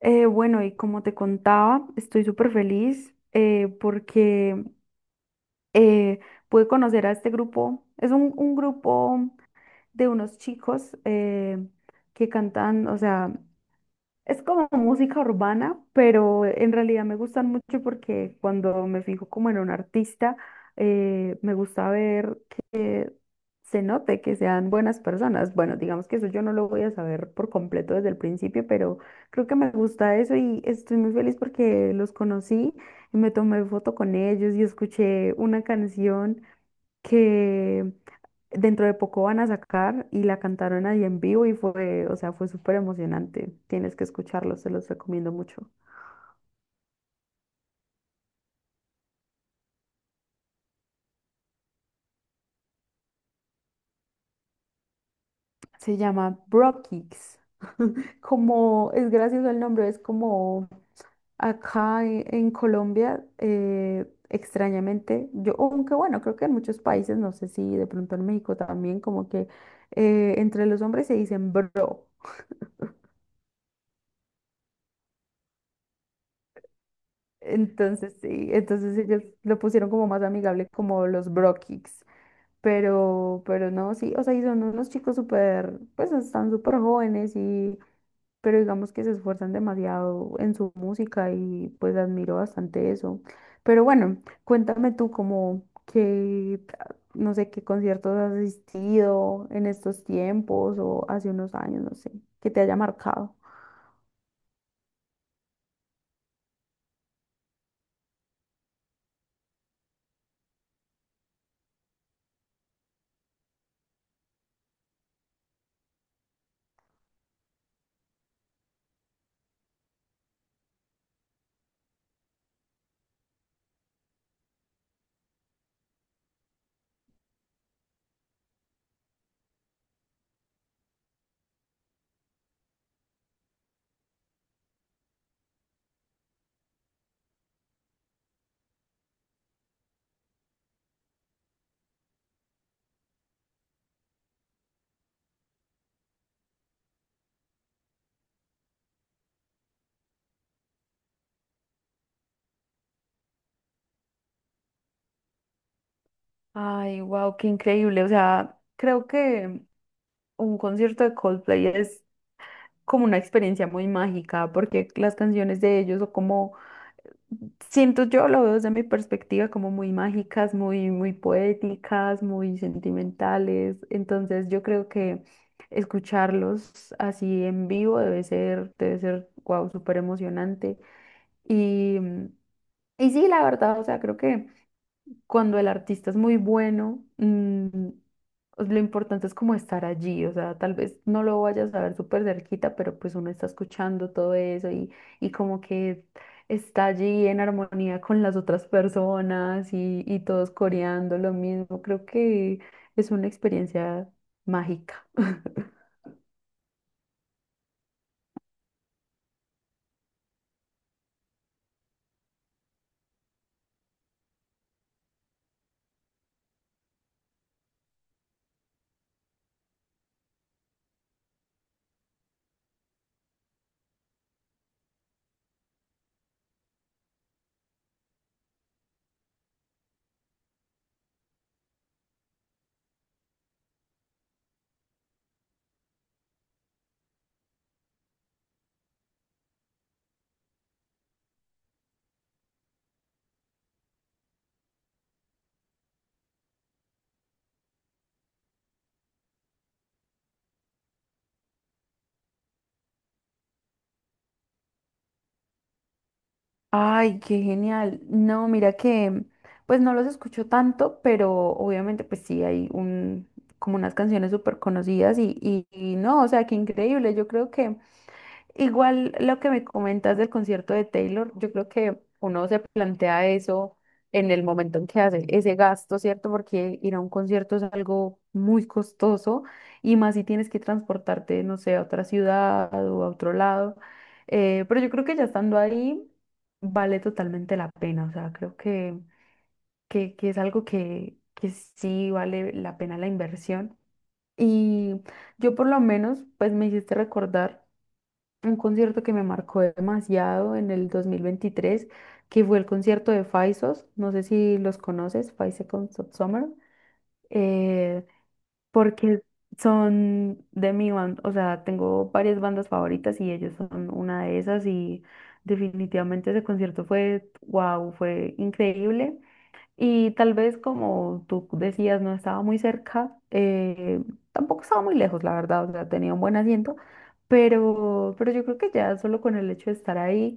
Bueno, y como te contaba, estoy súper feliz porque eh, pude conocer a este grupo. Es un grupo de unos chicos que cantan, o sea, es como música urbana, pero en realidad me gustan mucho porque cuando me fijo como en un artista, me gusta ver que se note que sean buenas personas. Bueno, digamos que eso yo no lo voy a saber por completo desde el principio, pero creo que me gusta eso y estoy muy feliz porque los conocí y me tomé foto con ellos y escuché una canción que dentro de poco van a sacar y la cantaron ahí en vivo y fue, o sea, fue súper emocionante. Tienes que escucharlo, se los recomiendo mucho. Se llama Bro Kicks. Como es gracioso el nombre, es como acá en Colombia, extrañamente, yo, aunque bueno, creo que en muchos países, no sé si de pronto en México también, como que entre los hombres se dicen bro. Entonces sí, entonces ellos lo pusieron como más amigable, como los Bro Kicks. Pero no, sí, o sea, y son unos chicos súper, pues están súper jóvenes y, pero digamos que se esfuerzan demasiado en su música y pues admiro bastante eso. Pero bueno, cuéntame tú como que, no sé, ¿qué conciertos has asistido en estos tiempos o hace unos años? No sé, que te haya marcado. Ay, wow, qué increíble. O sea, creo que un concierto de Coldplay es como una experiencia muy mágica porque las canciones de ellos son como, siento yo, lo veo desde mi perspectiva, como muy mágicas, muy poéticas, muy sentimentales. Entonces yo creo que escucharlos así en vivo debe ser, wow, súper emocionante. Y, y sí, la verdad, o sea, creo que cuando el artista es muy bueno, pues, lo importante es como estar allí, o sea, tal vez no lo vayas a ver súper cerquita, pero pues uno está escuchando todo eso y como que está allí en armonía con las otras personas y todos coreando lo mismo. Creo que es una experiencia mágica. Ay, qué genial. No, mira que, pues no los escucho tanto, pero obviamente pues sí hay un, como unas canciones súper conocidas y, y no, o sea, qué increíble. Yo creo que, igual lo que me comentas del concierto de Taylor, yo creo que uno se plantea eso en el momento en que hace ese gasto, ¿cierto? Porque ir a un concierto es algo muy costoso y más si tienes que transportarte, no sé, a otra ciudad o a otro lado. Pero yo creo que ya estando ahí vale totalmente la pena, o sea, creo que es algo que sí vale la pena la inversión. Y yo por lo menos, pues me hiciste recordar un concierto que me marcó demasiado en el 2023, que fue el concierto de Faisos, no sé si los conoces, Five Seconds of Summer, eh, porque son de mi banda, o sea, tengo varias bandas favoritas y ellos son una de esas y definitivamente ese concierto fue, wow, fue increíble. Y tal vez como tú decías, no estaba muy cerca, tampoco estaba muy lejos, la verdad, o sea, tenía un buen asiento, pero yo creo que ya solo con el hecho de estar ahí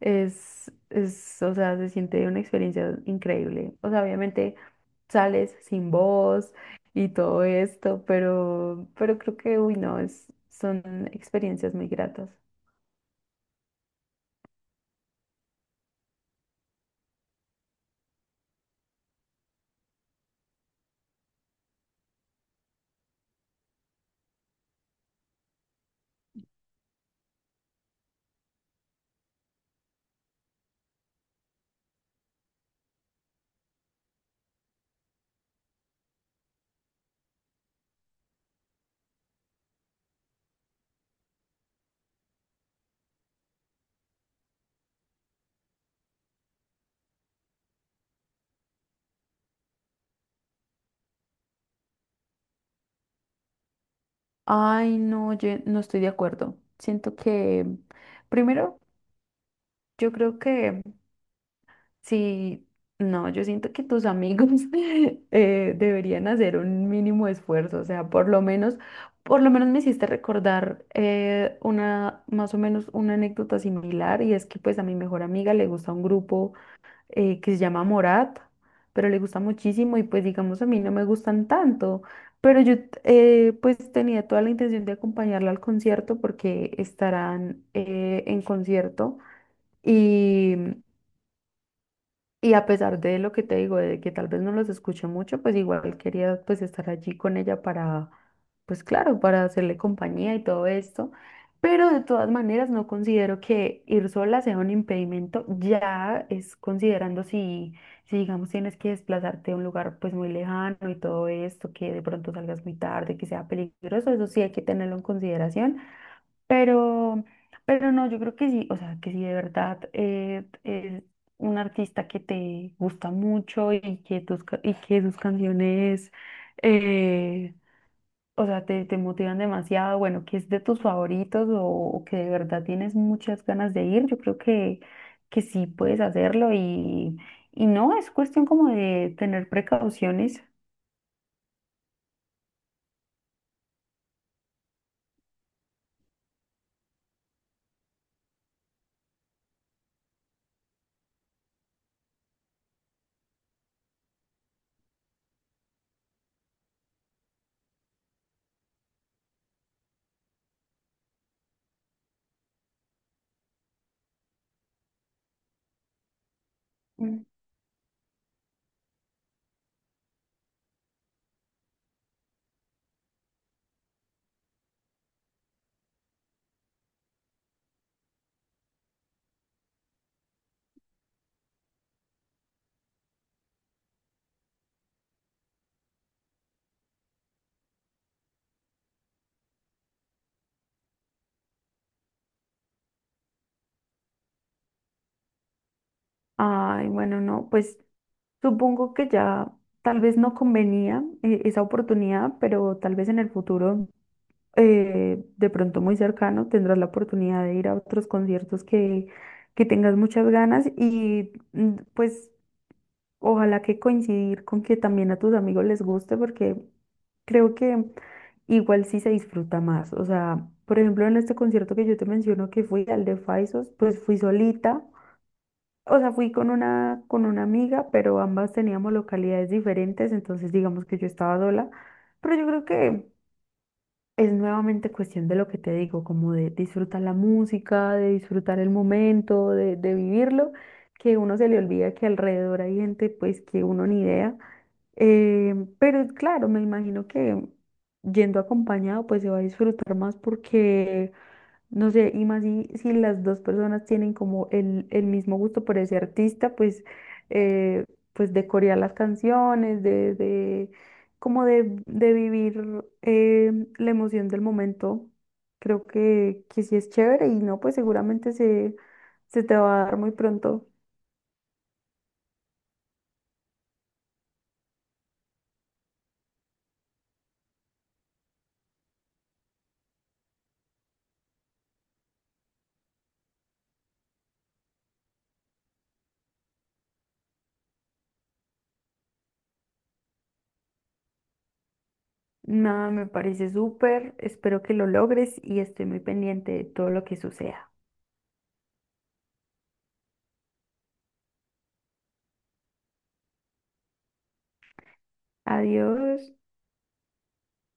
es, o sea, se siente una experiencia increíble. O sea, obviamente sales sin voz y todo esto, pero creo que, uy, no, es, son experiencias muy gratas. Ay, no, yo no estoy de acuerdo. Siento que, primero, yo creo que sí, no, yo siento que tus amigos deberían hacer un mínimo esfuerzo, o sea, por lo menos, me hiciste recordar una, más o menos una anécdota similar, y es que pues a mi mejor amiga le gusta un grupo que se llama Morat, pero le gusta muchísimo y pues digamos a mí no me gustan tanto, pero yo pues tenía toda la intención de acompañarla al concierto porque estarán en concierto. Y y a pesar de lo que te digo, de que tal vez no los escuche mucho, pues igual quería pues estar allí con ella para, pues claro, para hacerle compañía y todo esto. Pero de todas maneras no considero que ir sola sea un impedimento, ya es considerando si, digamos tienes que desplazarte a un lugar pues muy lejano y todo esto, que de pronto salgas muy tarde, que sea peligroso, eso sí hay que tenerlo en consideración. Pero, pero no, yo creo que sí, o sea, que si de verdad es un artista que te gusta mucho y que tus, y que sus canciones, eh, o sea, te motivan demasiado, bueno, que es de tus favoritos o que de verdad tienes muchas ganas de ir, yo creo que sí puedes hacerlo y no, es cuestión como de tener precauciones. Ay, bueno, no, pues supongo que ya tal vez no convenía esa oportunidad, pero tal vez en el futuro, de pronto muy cercano, tendrás la oportunidad de ir a otros conciertos que tengas muchas ganas y pues ojalá que coincidir con que también a tus amigos les guste, porque creo que igual sí se disfruta más. O sea, por ejemplo, en este concierto que yo te menciono que fui al de Faisos, pues fui solita. O sea, fui con una amiga, pero ambas teníamos localidades diferentes, entonces digamos que yo estaba sola. Pero yo creo que es nuevamente cuestión de lo que te digo, como de disfrutar la música, de disfrutar el momento, de vivirlo, que uno se le olvida que alrededor hay gente pues que uno ni idea. Eh, pero claro, me imagino que yendo acompañado pues se va a disfrutar más porque no sé, y más si, si las dos personas tienen como el mismo gusto por ese artista, pues, eh, pues de corear las canciones, de como de vivir la emoción del momento. Creo que sí es chévere y no, pues seguramente se, se te va a dar muy pronto. Nada, me parece súper, espero que lo logres y estoy muy pendiente de todo lo que suceda. Adiós.